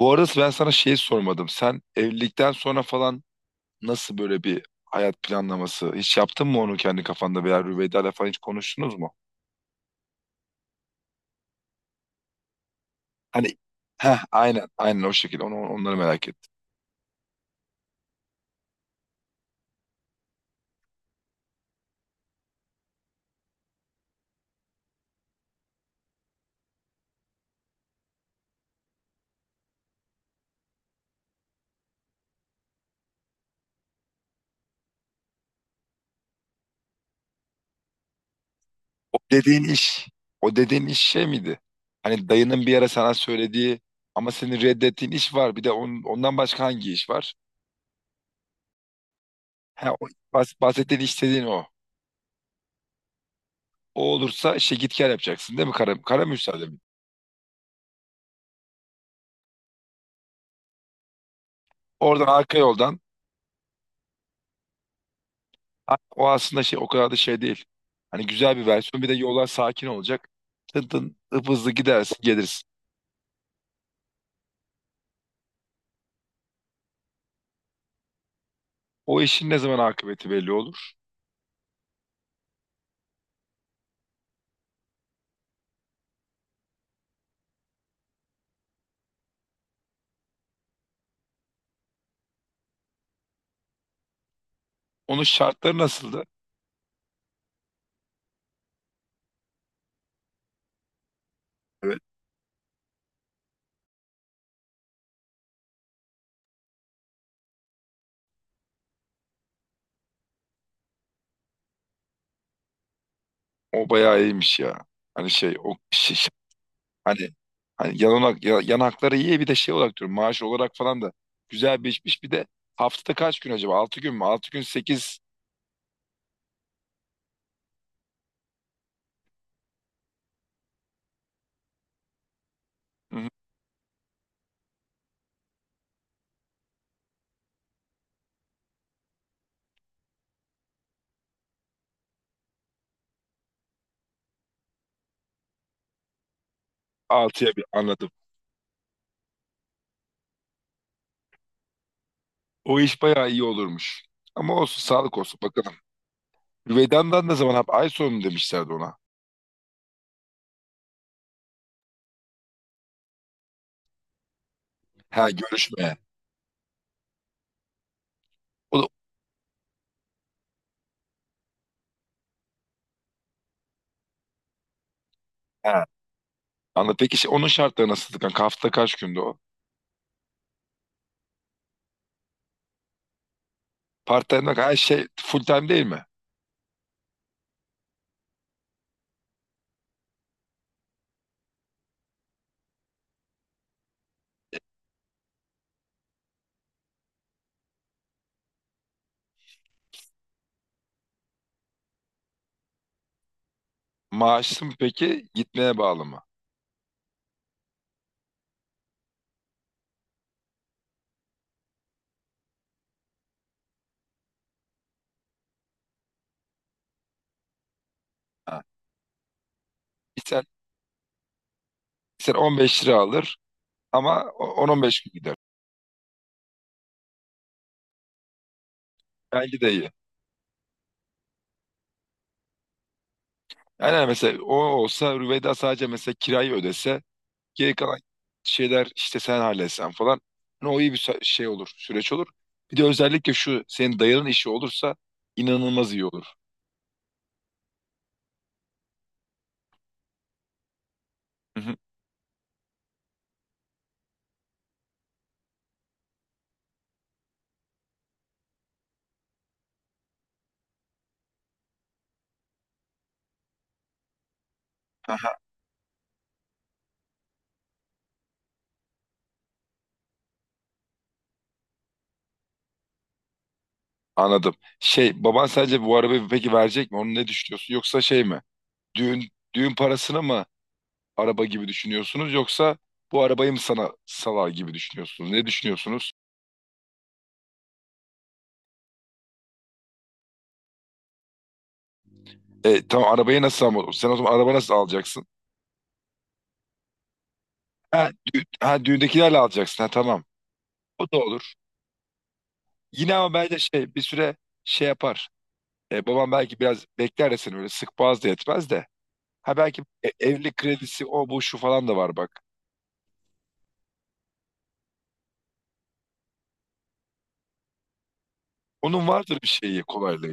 Bu arada ben sana şeyi sormadım. Sen evlilikten sonra falan nasıl böyle bir hayat planlaması? Hiç yaptın mı onu kendi kafanda veya Rüveyda'yla falan hiç konuştunuz mu? Hani, aynen, aynen o şekilde onu, onları merak ettim. O dediğin iş o dediğin iş şey miydi? Hani dayının bir ara sana söylediği ama senin reddettiğin iş var. Bir de ondan başka hangi iş var? Ha, o, bahsettiğin istediğin o. O olursa işte git gel yapacaksın değil mi? Kara müsaade mi? Oradan arka yoldan. O aslında şey o kadar da şey değil. Hani güzel bir versiyon. Bir de yollar sakin olacak. Tın tın hızlı gidersin gelirsin. O işin ne zaman akıbeti belli olur. Onun şartları nasıldı? Evet. O bayağı iyiymiş ya. Hani şey o şey, hani hani yanakları iyi, bir de şey olarak diyorum, maaş olarak falan da güzel bir işmiş. Bir de haftada kaç gün acaba? Altı gün mü? 6 gün sekiz? Altıya bir anladım. O iş bayağı iyi olurmuş. Ama olsun, sağlık olsun bakalım. Vedan'dan ne zaman? Ay sonu mu demişlerdi ona. Ha, görüşme. O da, ha, anladım. Peki şey, onun şartları nasıl? Kanka hafta kaç günde o? Part time her şey full time değil mi? Maaşlı mı peki? Gitmeye bağlı mı? Ha. Bir sen, bir sen 15 lira alır ama 10-15 gün gider. Bence de iyi. Yani hani mesela o olsa Rüveyda sadece mesela kirayı ödese, geri kalan şeyler işte sen halletsen falan. Hani o iyi bir şey olur, süreç olur. Bir de özellikle şu senin dayının işi olursa inanılmaz iyi olur. Hı hı. Anladım. Şey, baban sence bu arabayı peki verecek mi? Onu ne düşünüyorsun? Yoksa şey mi? Düğün Düğün parasını mı araba gibi düşünüyorsunuz, yoksa bu arabayı mı sana salar gibi düşünüyorsunuz? Ne düşünüyorsunuz? Tamam arabayı nasıl, ama sen o zaman araba nasıl alacaksın? Ha, düğündekilerle alacaksın. Ha, tamam. O da olur. Yine ama bence şey, bir süre şey yapar. Babam belki biraz bekler de seni öyle sık boğaz da yetmez de. Ha, belki evlilik kredisi, o, bu, şu falan da var bak. Onun vardır bir şeyi, kolaylığı.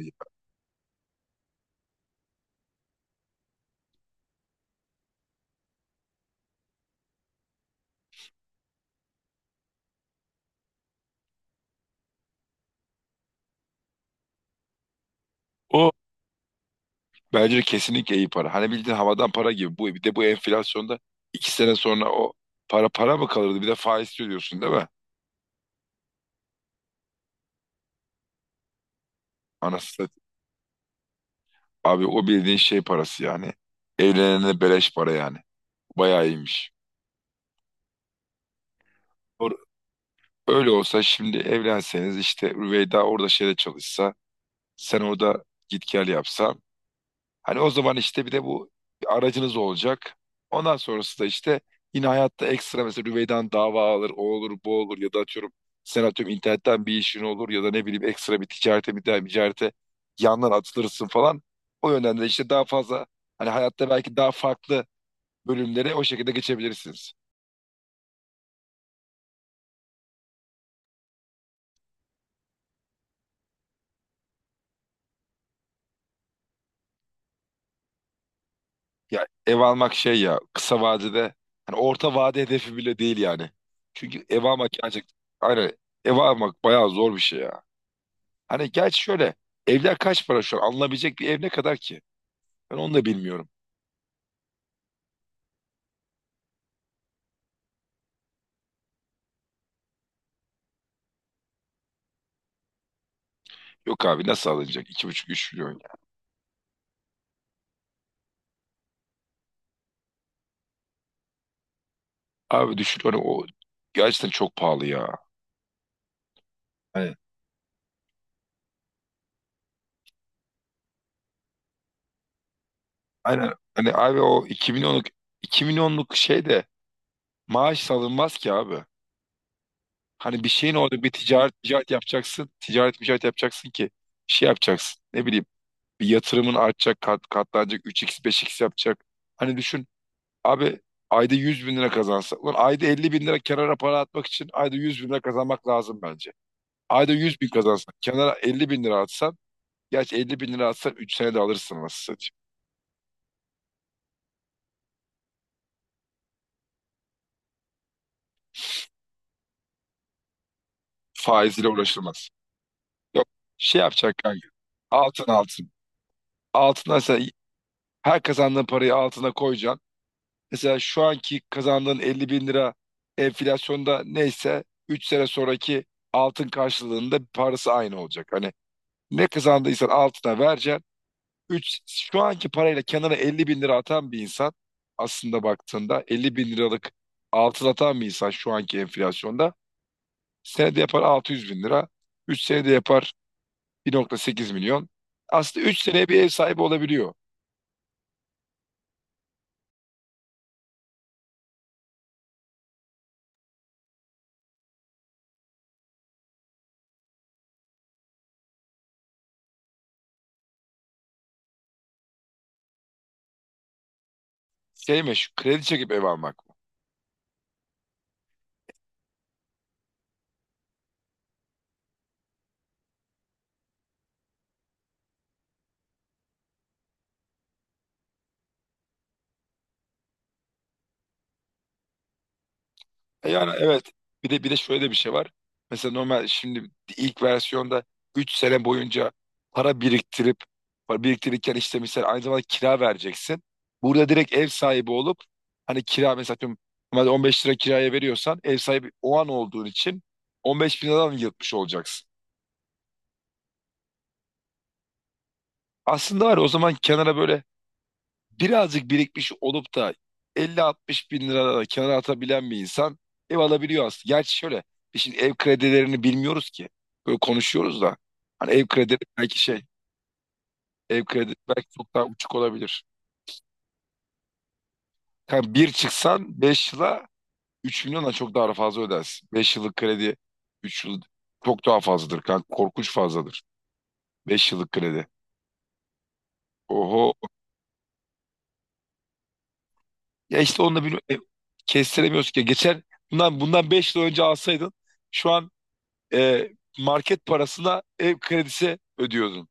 o Bence de kesinlikle iyi para. Hani bildiğin havadan para gibi. Bir de bu enflasyonda 2 sene sonra o para mı kalırdı? Bir de faiz ödüyorsun değil mi? Anasını satayım. Abi, o bildiğin şey parası yani. Evlenene beleş para yani. Bayağı iyiymiş. Or- Öyle olsa şimdi evlenseniz, işte Rüveyda orada şeyde çalışsa, sen orada git gel yapsa. Hani o zaman işte bir de bu, bir aracınız olacak. Ondan sonrası da işte yine hayatta ekstra, mesela Rüvey'den dava alır, o olur, bu olur, ya da atıyorum sen atıyorum internetten bir işin olur, ya da ne bileyim ekstra bir ticarete, bir daha ticarete yandan atılırsın falan. O yönden de işte daha fazla, hani hayatta belki daha farklı bölümlere o şekilde geçebilirsiniz. Ya, ev almak şey, ya kısa vadede, hani orta vade hedefi bile değil yani. Çünkü ev almak gerçekten, aynen, ev almak bayağı zor bir şey ya. Hani gerçi şöyle, evler kaç para şu an, alınabilecek bir ev ne kadar ki? Ben onu da bilmiyorum. Yok abi, nasıl alınacak? İki buçuk, üç milyon, ya. Abi, düşün hani, o gerçekten çok pahalı ya. Hani, aynen. Hani abi, o iki milyonluk şey de maaş alınmaz ki abi. Hani bir şeyin, orada bir ticaret ticaret yapacaksın. Ticaret ticaret yapacaksın ki şey yapacaksın. Ne bileyim, bir yatırımın artacak, katlanacak, üç x beş x yapacak. Hani düşün abi, ayda 100 bin lira kazansa. Ulan, ayda 50 bin lira kenara para atmak için ayda 100 bin lira kazanmak lazım bence. Ayda 100 bin kazansan, kenara 50 bin lira atsan. Gerçi 50 bin lira atsan 3 senede alırsın, nasıl satayım. Faiziyle uğraşılmaz. Yok, şey yapacak kanka. Altın, altın. Altına, sen her kazandığın parayı altına koyacaksın. Mesela şu anki kazandığın 50 bin lira, enflasyonda neyse 3 sene sonraki altın karşılığında parası aynı olacak. Hani ne kazandıysan altına vereceksin. Şu anki parayla kenara 50 bin lira atan bir insan, aslında baktığında 50 bin liralık altın atan bir insan, şu anki enflasyonda senede yapar 600 bin lira. 3 senede yapar 1,8 milyon. Aslında 3 seneye bir ev sahibi olabiliyor. Şey, meşhur kredi çekip ev almak. Yani evet. Bir de şöyle bir şey var. Mesela normal şimdi ilk versiyonda 3 sene boyunca para biriktirip, para biriktirirken işte mesela aynı zamanda kira vereceksin. Burada direkt ev sahibi olup, hani kira mesela atıyorum, normalde 15 lira kiraya veriyorsan, ev sahibi o an olduğun için 15 bin liradan yırtmış olacaksın. Aslında var ya, o zaman kenara böyle birazcık birikmiş olup da 50-60 bin lira da kenara atabilen bir insan ev alabiliyor aslında. Gerçi şöyle, biz şimdi ev kredilerini bilmiyoruz ki. Böyle konuşuyoruz da. Hani ev kredileri belki şey, ev kredileri belki çok daha uçuk olabilir. Yani bir çıksan 5 yıla 3 milyona çok daha fazla ödersin. 5 yıllık kredi, 3 yıl çok daha fazladır. Kanka korkunç fazladır. 5 yıllık kredi. Oho. Ya işte onu da bilmiyorum. Kestiremiyoruz ki. Geçen bundan 5 yıl önce alsaydın, şu an e, market parasına ev kredisi ödüyordun.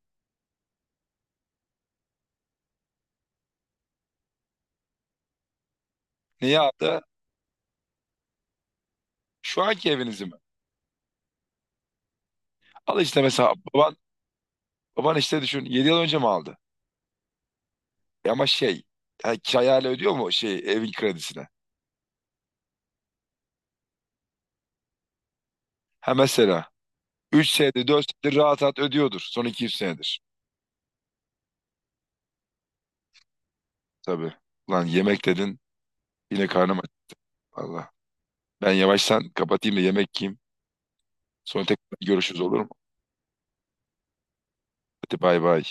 Niye aldı? Şu anki evinizi mi? Al işte mesela, baban işte düşün, 7 yıl önce mi aldı? Ama şey, yani kirayla ödüyor mu şey, evin kredisine? Ha, mesela 3 senedir, 4 senedir rahat rahat ödüyordur. Son iki, 3 senedir. Tabii. Lan, yemek dedin, yine karnım aç. Allah. Ben yavaştan kapatayım da yemek yiyeyim. Sonra tekrar görüşürüz, olur mu? Hadi, bay bay.